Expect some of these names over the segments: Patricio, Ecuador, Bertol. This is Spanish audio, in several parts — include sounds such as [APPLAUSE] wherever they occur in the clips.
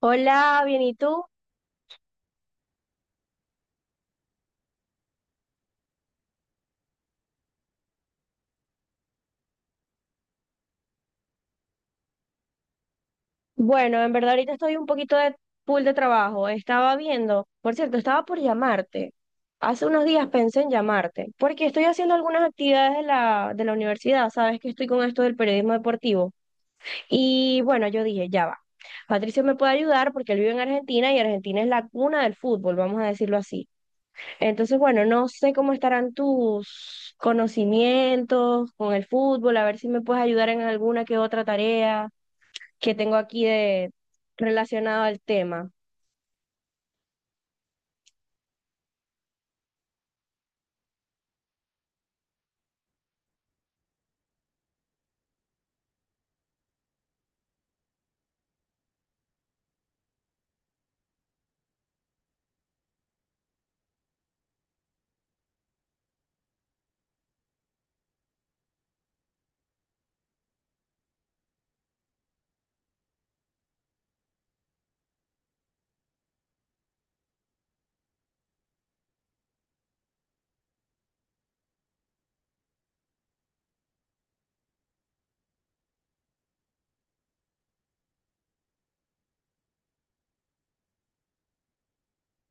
Hola, bien, ¿y tú? Bueno, en verdad ahorita estoy un poquito de full de trabajo. Estaba viendo, por cierto, estaba por llamarte. Hace unos días pensé en llamarte, porque estoy haciendo algunas actividades de la universidad. Sabes que estoy con esto del periodismo deportivo. Y bueno, yo dije, ya va. Patricio me puede ayudar porque él vive en Argentina y Argentina es la cuna del fútbol, vamos a decirlo así. Entonces, bueno, no sé cómo estarán tus conocimientos con el fútbol, a ver si me puedes ayudar en alguna que otra tarea que tengo aquí de relacionado al tema.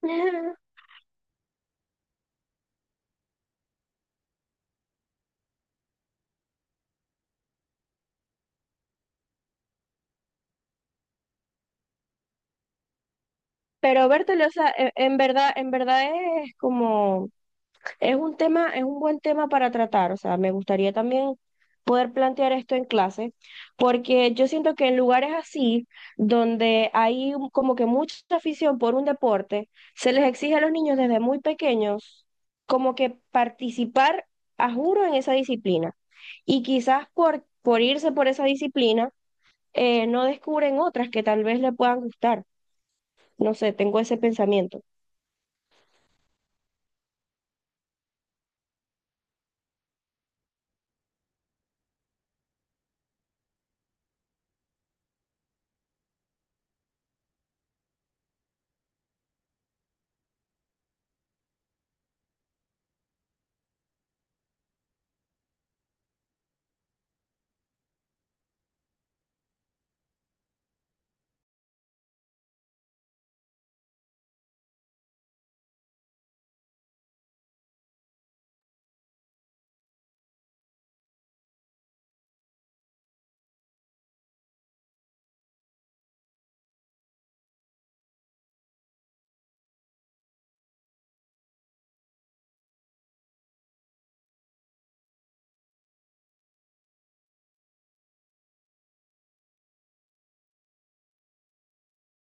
[LAUGHS] Pero Bertol, o sea, en verdad es como es un buen tema para tratar, o sea, me gustaría también poder plantear esto en clase, porque yo siento que en lugares así, donde hay como que mucha afición por un deporte, se les exige a los niños desde muy pequeños como que participar a juro en esa disciplina. Y quizás por irse por esa disciplina, no descubren otras que tal vez le puedan gustar. No sé, tengo ese pensamiento.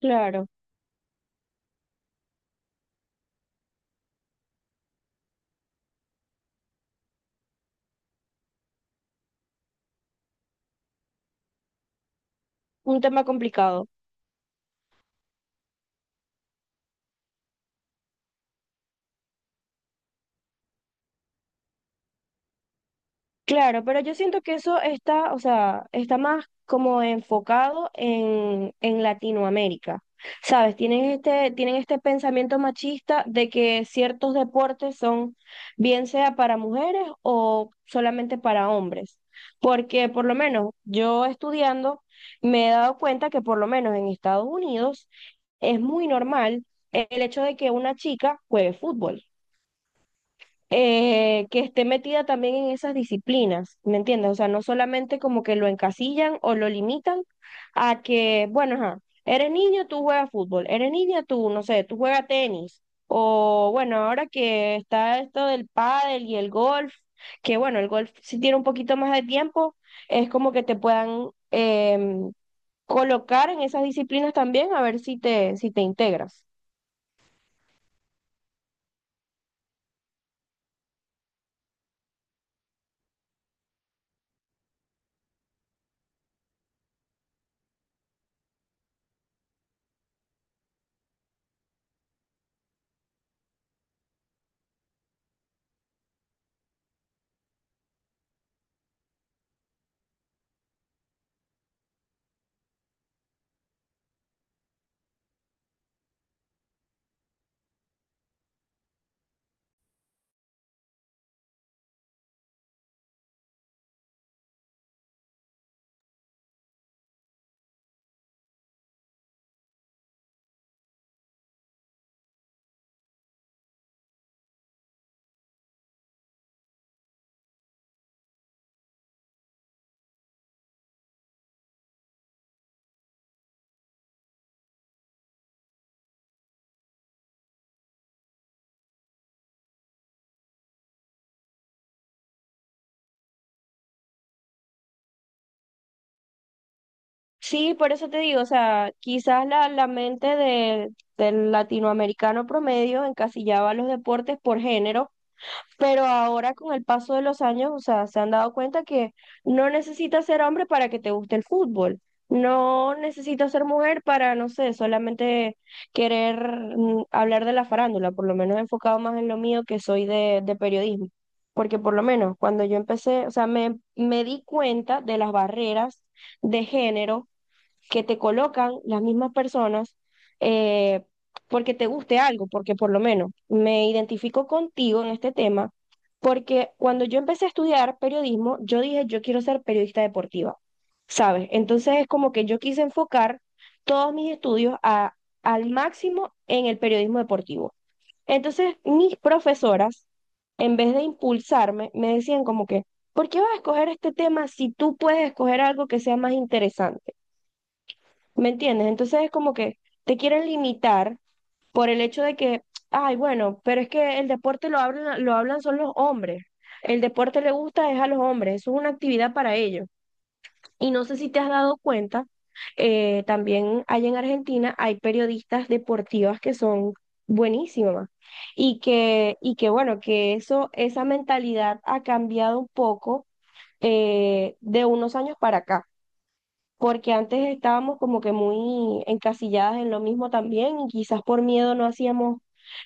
Claro, un tema complicado. Claro, pero yo siento que eso está, o sea, está más como enfocado en Latinoamérica. ¿Sabes? Tienen este pensamiento machista de que ciertos deportes son, bien sea para mujeres o solamente para hombres. Porque por lo menos yo estudiando me he dado cuenta que por lo menos en Estados Unidos es muy normal el hecho de que una chica juegue fútbol, que esté metida también en esas disciplinas, ¿me entiendes? O sea, no solamente como que lo encasillan o lo limitan a que, bueno, ajá, eres niño, tú juegas fútbol, eres niña, tú, no sé, tú juegas tenis, o bueno, ahora que está esto del pádel y el golf, que bueno, el golf si tiene un poquito más de tiempo, es como que te puedan colocar en esas disciplinas también a ver si te, integras. Sí, por eso te digo, o sea, quizás la mente del latinoamericano promedio encasillaba los deportes por género, pero ahora con el paso de los años, o sea, se han dado cuenta que no necesitas ser hombre para que te guste el fútbol, no necesitas ser mujer para, no sé, solamente querer hablar de la farándula, por lo menos enfocado más en lo mío que soy de periodismo, porque por lo menos cuando yo empecé, o sea, me di cuenta de las barreras de género que te colocan las mismas personas, eh, porque te guste algo, porque por lo menos me identifico contigo en este tema, porque cuando yo empecé a estudiar periodismo, yo dije, yo quiero ser periodista deportiva, ¿sabes? Entonces es como que yo quise enfocar todos mis estudios al máximo en el periodismo deportivo. Entonces mis profesoras, en vez de impulsarme, me decían como que, ¿por qué vas a escoger este tema si tú puedes escoger algo que sea más interesante? ¿Me entiendes? Entonces es como que te quieren limitar por el hecho de que, ay, bueno, pero es que el deporte lo hablan son los hombres. El deporte le gusta es a los hombres, eso es una actividad para ellos. Y no sé si te has dado cuenta, también hay en Argentina, hay periodistas deportivas que son buenísimas y que bueno, que eso, esa mentalidad ha cambiado un poco, de unos años para acá, porque antes estábamos como que muy encasilladas en lo mismo también y quizás por miedo no hacíamos,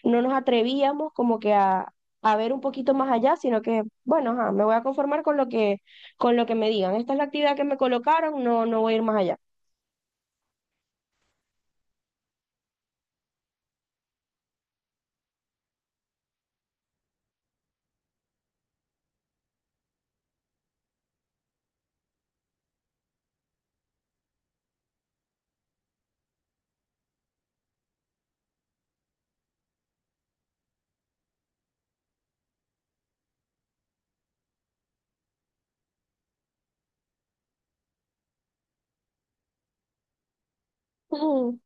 no nos atrevíamos como que a, ver un poquito más allá, sino que, bueno, ajá, me voy a conformar con lo que me digan. Esta es la actividad que me colocaron, no, no voy a ir más allá. Ujú.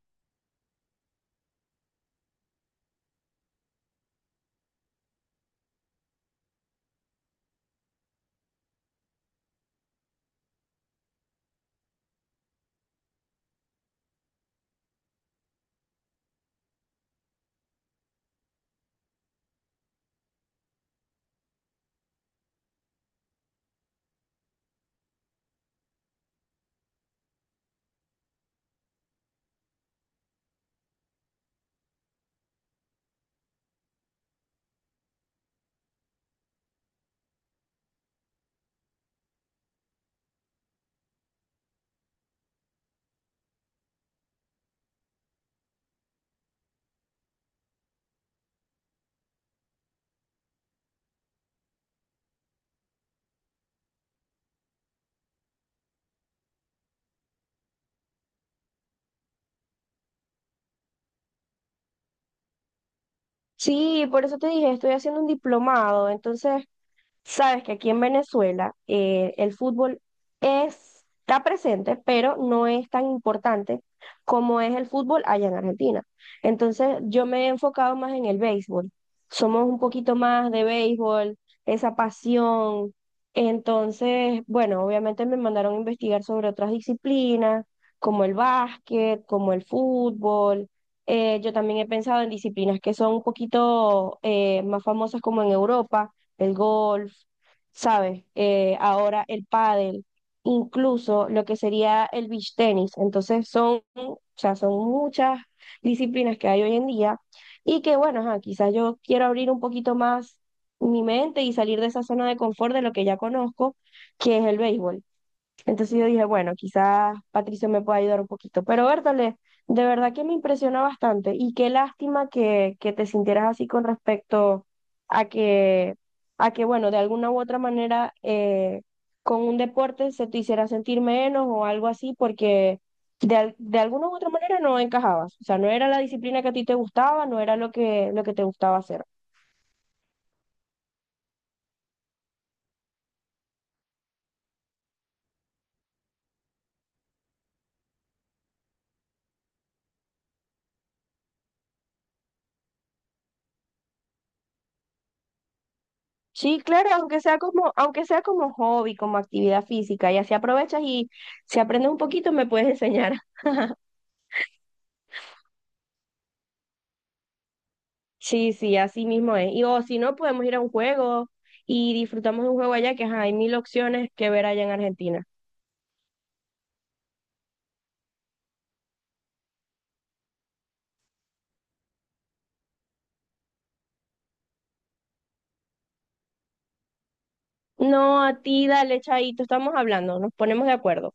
Sí, por eso te dije, estoy haciendo un diplomado, entonces sabes que aquí en Venezuela, el fútbol está presente, pero no es tan importante como es el fútbol allá en Argentina. Entonces yo me he enfocado más en el béisbol. Somos un poquito más de béisbol, esa pasión. Entonces, bueno, obviamente me mandaron a investigar sobre otras disciplinas, como el básquet, como el fútbol. Yo también he pensado en disciplinas que son un poquito, más famosas, como en Europa el golf, ¿sabes? Ahora el pádel, incluso lo que sería el beach tenis. Entonces son, o sea, son muchas disciplinas que hay hoy en día y que, bueno, ajá, quizás yo quiero abrir un poquito más mi mente y salir de esa zona de confort de lo que ya conozco, que es el béisbol. Entonces yo dije, bueno, quizás Patricio me pueda ayudar un poquito. Pero Bertale, de verdad que me impresiona bastante y qué lástima que, te sintieras así con respecto a que, bueno, de alguna u otra manera, con un deporte se te hiciera sentir menos o algo así, porque de alguna u otra manera no encajabas. O sea, no era la disciplina que a ti te gustaba, no era lo que te gustaba hacer. Sí, claro, aunque sea como hobby, como actividad física, y así aprovechas y si aprendes un poquito me puedes enseñar. [LAUGHS] Sí, sí, así mismo es. Y o si no, podemos ir a un juego y disfrutamos de un juego allá, que ajá, hay mil opciones que ver allá en Argentina. No, a ti, dale, chaito, estamos hablando, nos ponemos de acuerdo.